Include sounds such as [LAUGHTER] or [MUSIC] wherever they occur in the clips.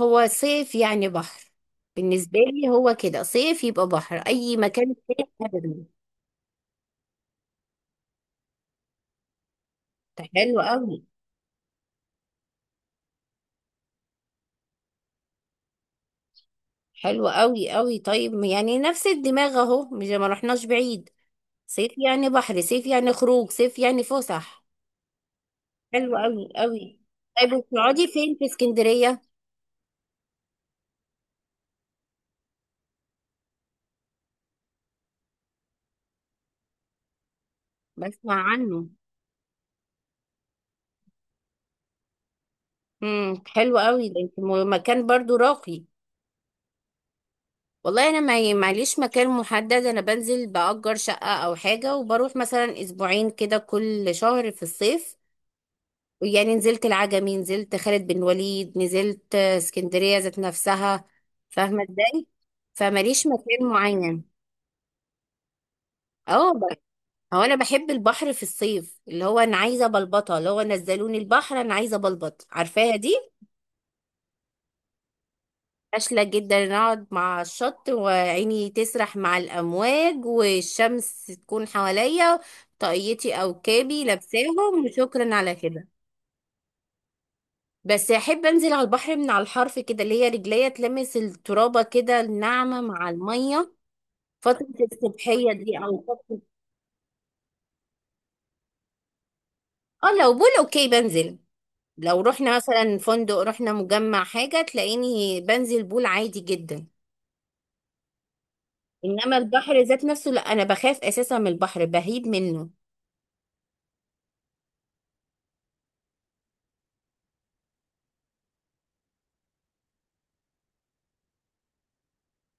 هو صيف، يعني بحر. بالنسبة لي هو كده، صيف يبقى بحر، أي مكان صيف أبدا. ده حلو أوي. حلو أوي أوي، طيب يعني نفس الدماغ أهو، مش ما رحناش بعيد. صيف يعني بحر، صيف يعني خروج، صيف يعني فسح. حلو أوي أوي. طيب، وبتقعدي فين في اسكندرية؟ بسمع عنه. امم، حلو أوي ده. انت مكان برضو راقي. والله انا ما معليش مكان محدد، انا بنزل بأجر شقة او حاجة، وبروح مثلا اسبوعين كده كل شهر في الصيف. يعني نزلت العجمي، نزلت خالد بن وليد، نزلت اسكندرية ذات نفسها. فاهمة ازاي؟ فماليش مكان معين. اه هو انا بحب البحر في الصيف، اللي هو انا عايزة بلبطة، اللي هو نزلوني البحر، انا عايزة بلبط، عارفاها دي. فاشلة جدا، نقعد مع الشط وعيني تسرح مع الأمواج والشمس تكون حواليا، طاقيتي أو كابي لابساهم، وشكرا على كده. بس أحب أنزل على البحر من على الحرف كده، اللي هي رجليا تلمس الترابة كده الناعمة مع المية. فترة الصبحية دي أو فترة. اه، لو بول أوكي بنزل. لو رحنا مثلا فندق، رحنا مجمع حاجة، تلاقيني بنزل بول عادي جدا. إنما البحر ذات نفسه لا، أنا بخاف أساسا من البحر، بهيب منه.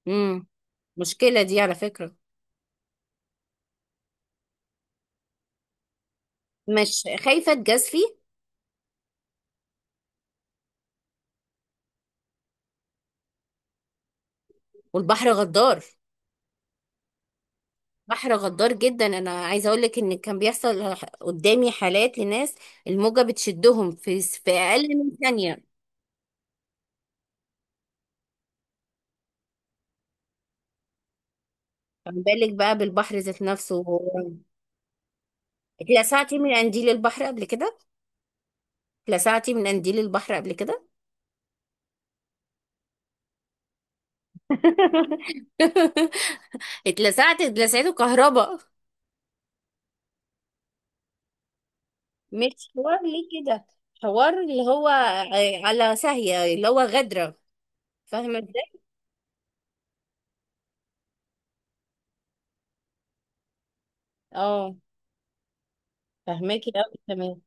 امم، مشكلة دي على فكرة. مش خايفة اتجازفي. والبحر غدار، بحر غدار جدا. انا عايزة اقولك ان كان بيحصل قدامي حالات لناس، الموجة بتشدهم في اقل من ثانية. فما بالك بقى بالبحر ذات نفسه اتلسعتي من قنديل البحر قبل كده؟ اتلسعتي من قنديل البحر قبل كده؟ [LAUGHS] اتلسعته كهرباء. مش حوار ليه كده، حوار اللي هو على ساهية، اللي هو غدرة. فاهمة ازاي؟ اه فهماكي قوي كمان.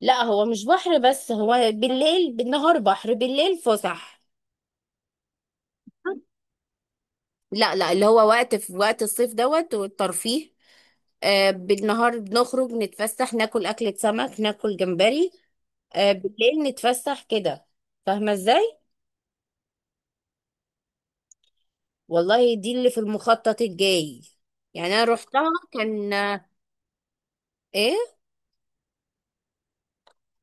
لا هو مش بحر بس، هو بالليل بالنهار، بحر بالليل فسح. لا لا، اللي هو وقت، في وقت الصيف دوت والترفيه. آه بالنهار بنخرج نتفسح، ناكل أكلة سمك، ناكل جمبري. آه بالليل نتفسح كده. فاهمة ازاي؟ والله دي اللي في المخطط الجاي. يعني انا روحتها كان ايه.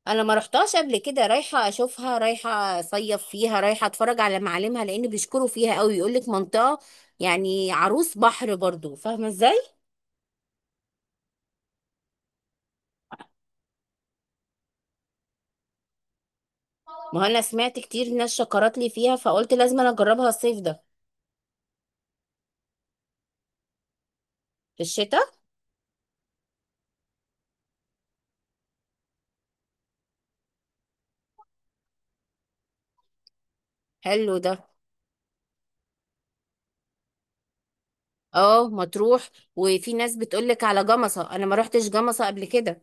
انا ما رحتهاش قبل كده، رايحه اشوفها، رايحه اصيف فيها، رايحه اتفرج على معالمها، لان بيشكروا فيها قوي، يقول لك منطقه يعني عروس بحر برضو. فاهمه ازاي؟ ما هو انا سمعت كتير ناس شكرت لي فيها، فقلت لازم انا اجربها الصيف ده. في الشتاء. حلو ده. اه مطروح. وفي ناس بتقول لك على جمصه، انا ما رحتش جمصه قبل كده.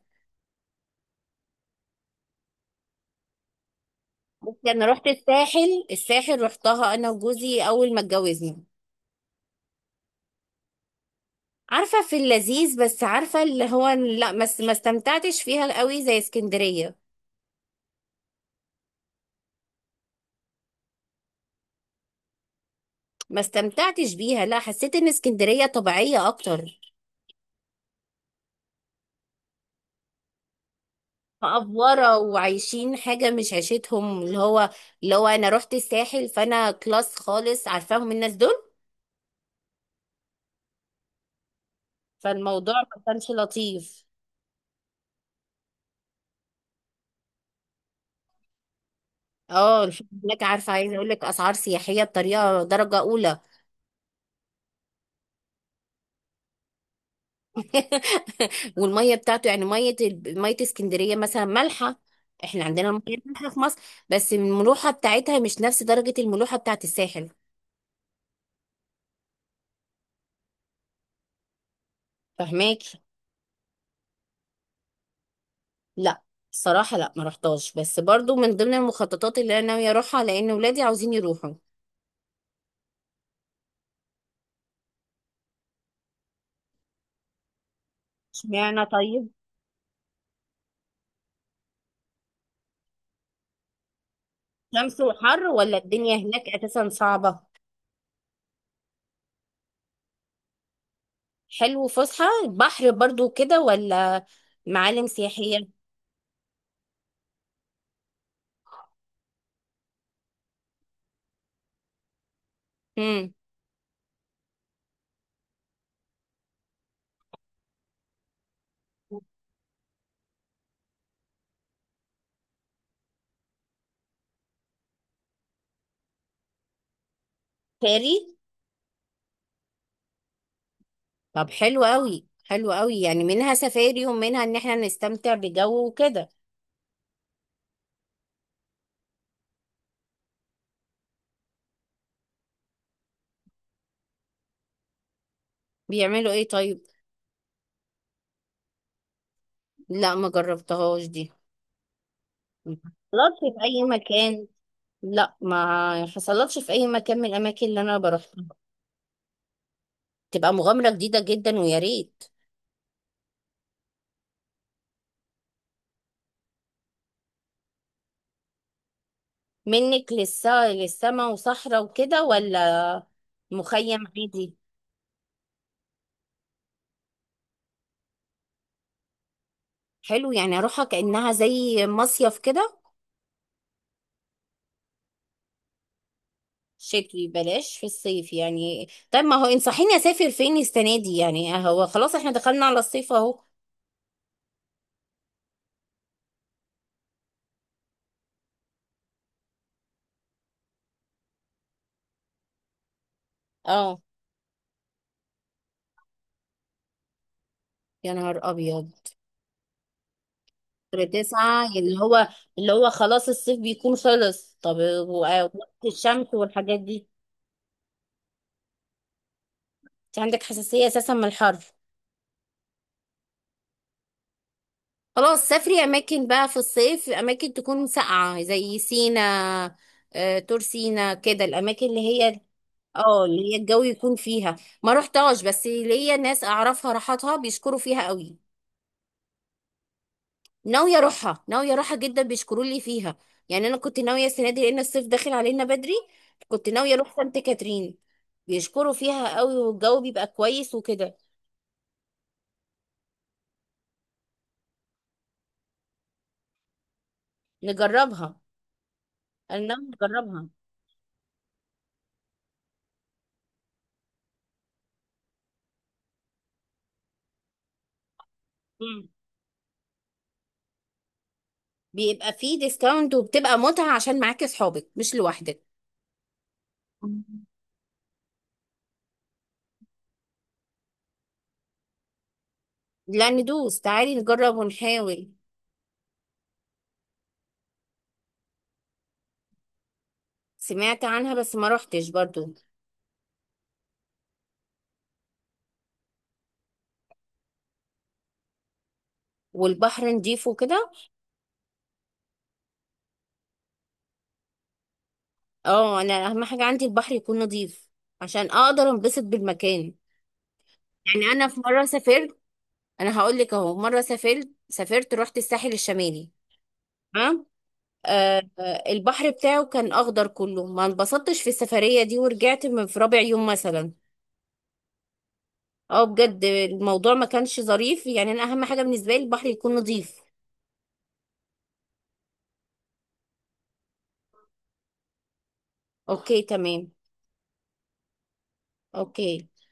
بس انا رحت الساحل، الساحل رحتها انا وجوزي اول ما اتجوزنا. عارفه في اللذيذ، بس عارفه اللي هو لا، ما استمتعتش فيها قوي زي اسكندريه. ما استمتعتش بيها، لا حسيت ان اسكندرية طبيعية اكتر. مقفورة وعايشين حاجة مش عيشتهم، اللي هو اللي هو انا رحت الساحل، فانا كلاس خالص، عارفاهم الناس دول. فالموضوع ما كانش لطيف. اه الفنادق هناك، عارفة عايزة اقول لك، اسعار سياحية بطريقة درجة اولى. [LAUGHS] والمية بتاعته، يعني مية مية اسكندرية مثلا مالحة. احنا عندنا المية مالحة في مصر، بس الملوحة بتاعتها مش نفس درجة الملوحة بتاعت الساحل. فهماكي. لا، الصراحة لا، ما رحتهاش، بس برضو من ضمن المخططات اللي انا ناوية اروحها، لان ولادي عاوزين يروحوا. اشمعنى طيب؟ شمس وحر ولا الدنيا هناك اساسا صعبة؟ حلو، فسحة بحر برضو كده، ولا معالم سياحية؟ امم، فاري. طب حلو قوي، حلو قوي، يعني منها سفاري، ومنها ان احنا نستمتع بجو وكده. بيعملوا ايه طيب؟ لا ما جربتهاش دي. ما حصلتش في اي مكان. لا ما حصلتش في اي مكان من الاماكن اللي انا بروح. تبقى مغامرة جديدة جدا، ويا ريت. منك للسما وصحراء وكده، ولا مخيم عادي؟ حلو، يعني اروحها كأنها زي مصيف كده. شتوي بلاش في الصيف يعني، طب ما هو انصحيني اسافر فين السنة دي يعني، هو خلاص احنا دخلنا على الصيف اهو. اه، يا نهار ابيض. شهر تسعة اللي هو اللي هو خلاص الصيف بيكون خلص. طب و- وقت الشمس والحاجات دي، انت عندك حساسية اساسا من الحر. خلاص، سافري اماكن بقى في الصيف، اماكن تكون ساقعه زي سينا، طور سينا كده، الاماكن اللي هي اه اللي هي الجو يكون فيها. ما رحتهاش، بس ليا ناس اعرفها راحتها بيشكروا فيها قوي. ناويه اروحها، ناويه اروحها جدا، بيشكروا لي فيها. يعني انا كنت ناويه السنه دي، لان الصيف داخل علينا بدري، كنت ناويه اروح سانت كاترين. بيشكروا فيها قوي، والجو بيبقى كويس وكده. نجربها. انا ناويه نجربها. بيبقى فيه ديسكاونت، وبتبقى متعة عشان معاكي صحابك مش لوحدك. مم. لا، ندوس، تعالي نجرب ونحاول. سمعت عنها، بس ما روحتش برضو. والبحر نضيف وكده. اه، انا اهم حاجة عندي البحر يكون نضيف عشان اقدر انبسط بالمكان. يعني انا في مرة سافرت، انا هقول لك اهو، مرة سافرت رحت الساحل الشمالي. تمام. البحر بتاعه كان اخضر كله، ما انبسطتش في السفرية دي، ورجعت في رابع يوم مثلا. اه بجد، الموضوع ما كانش ظريف، يعني انا اهم حاجه بالنسبه لي البحر يكون نظيف. اوكي تمام. اوكي.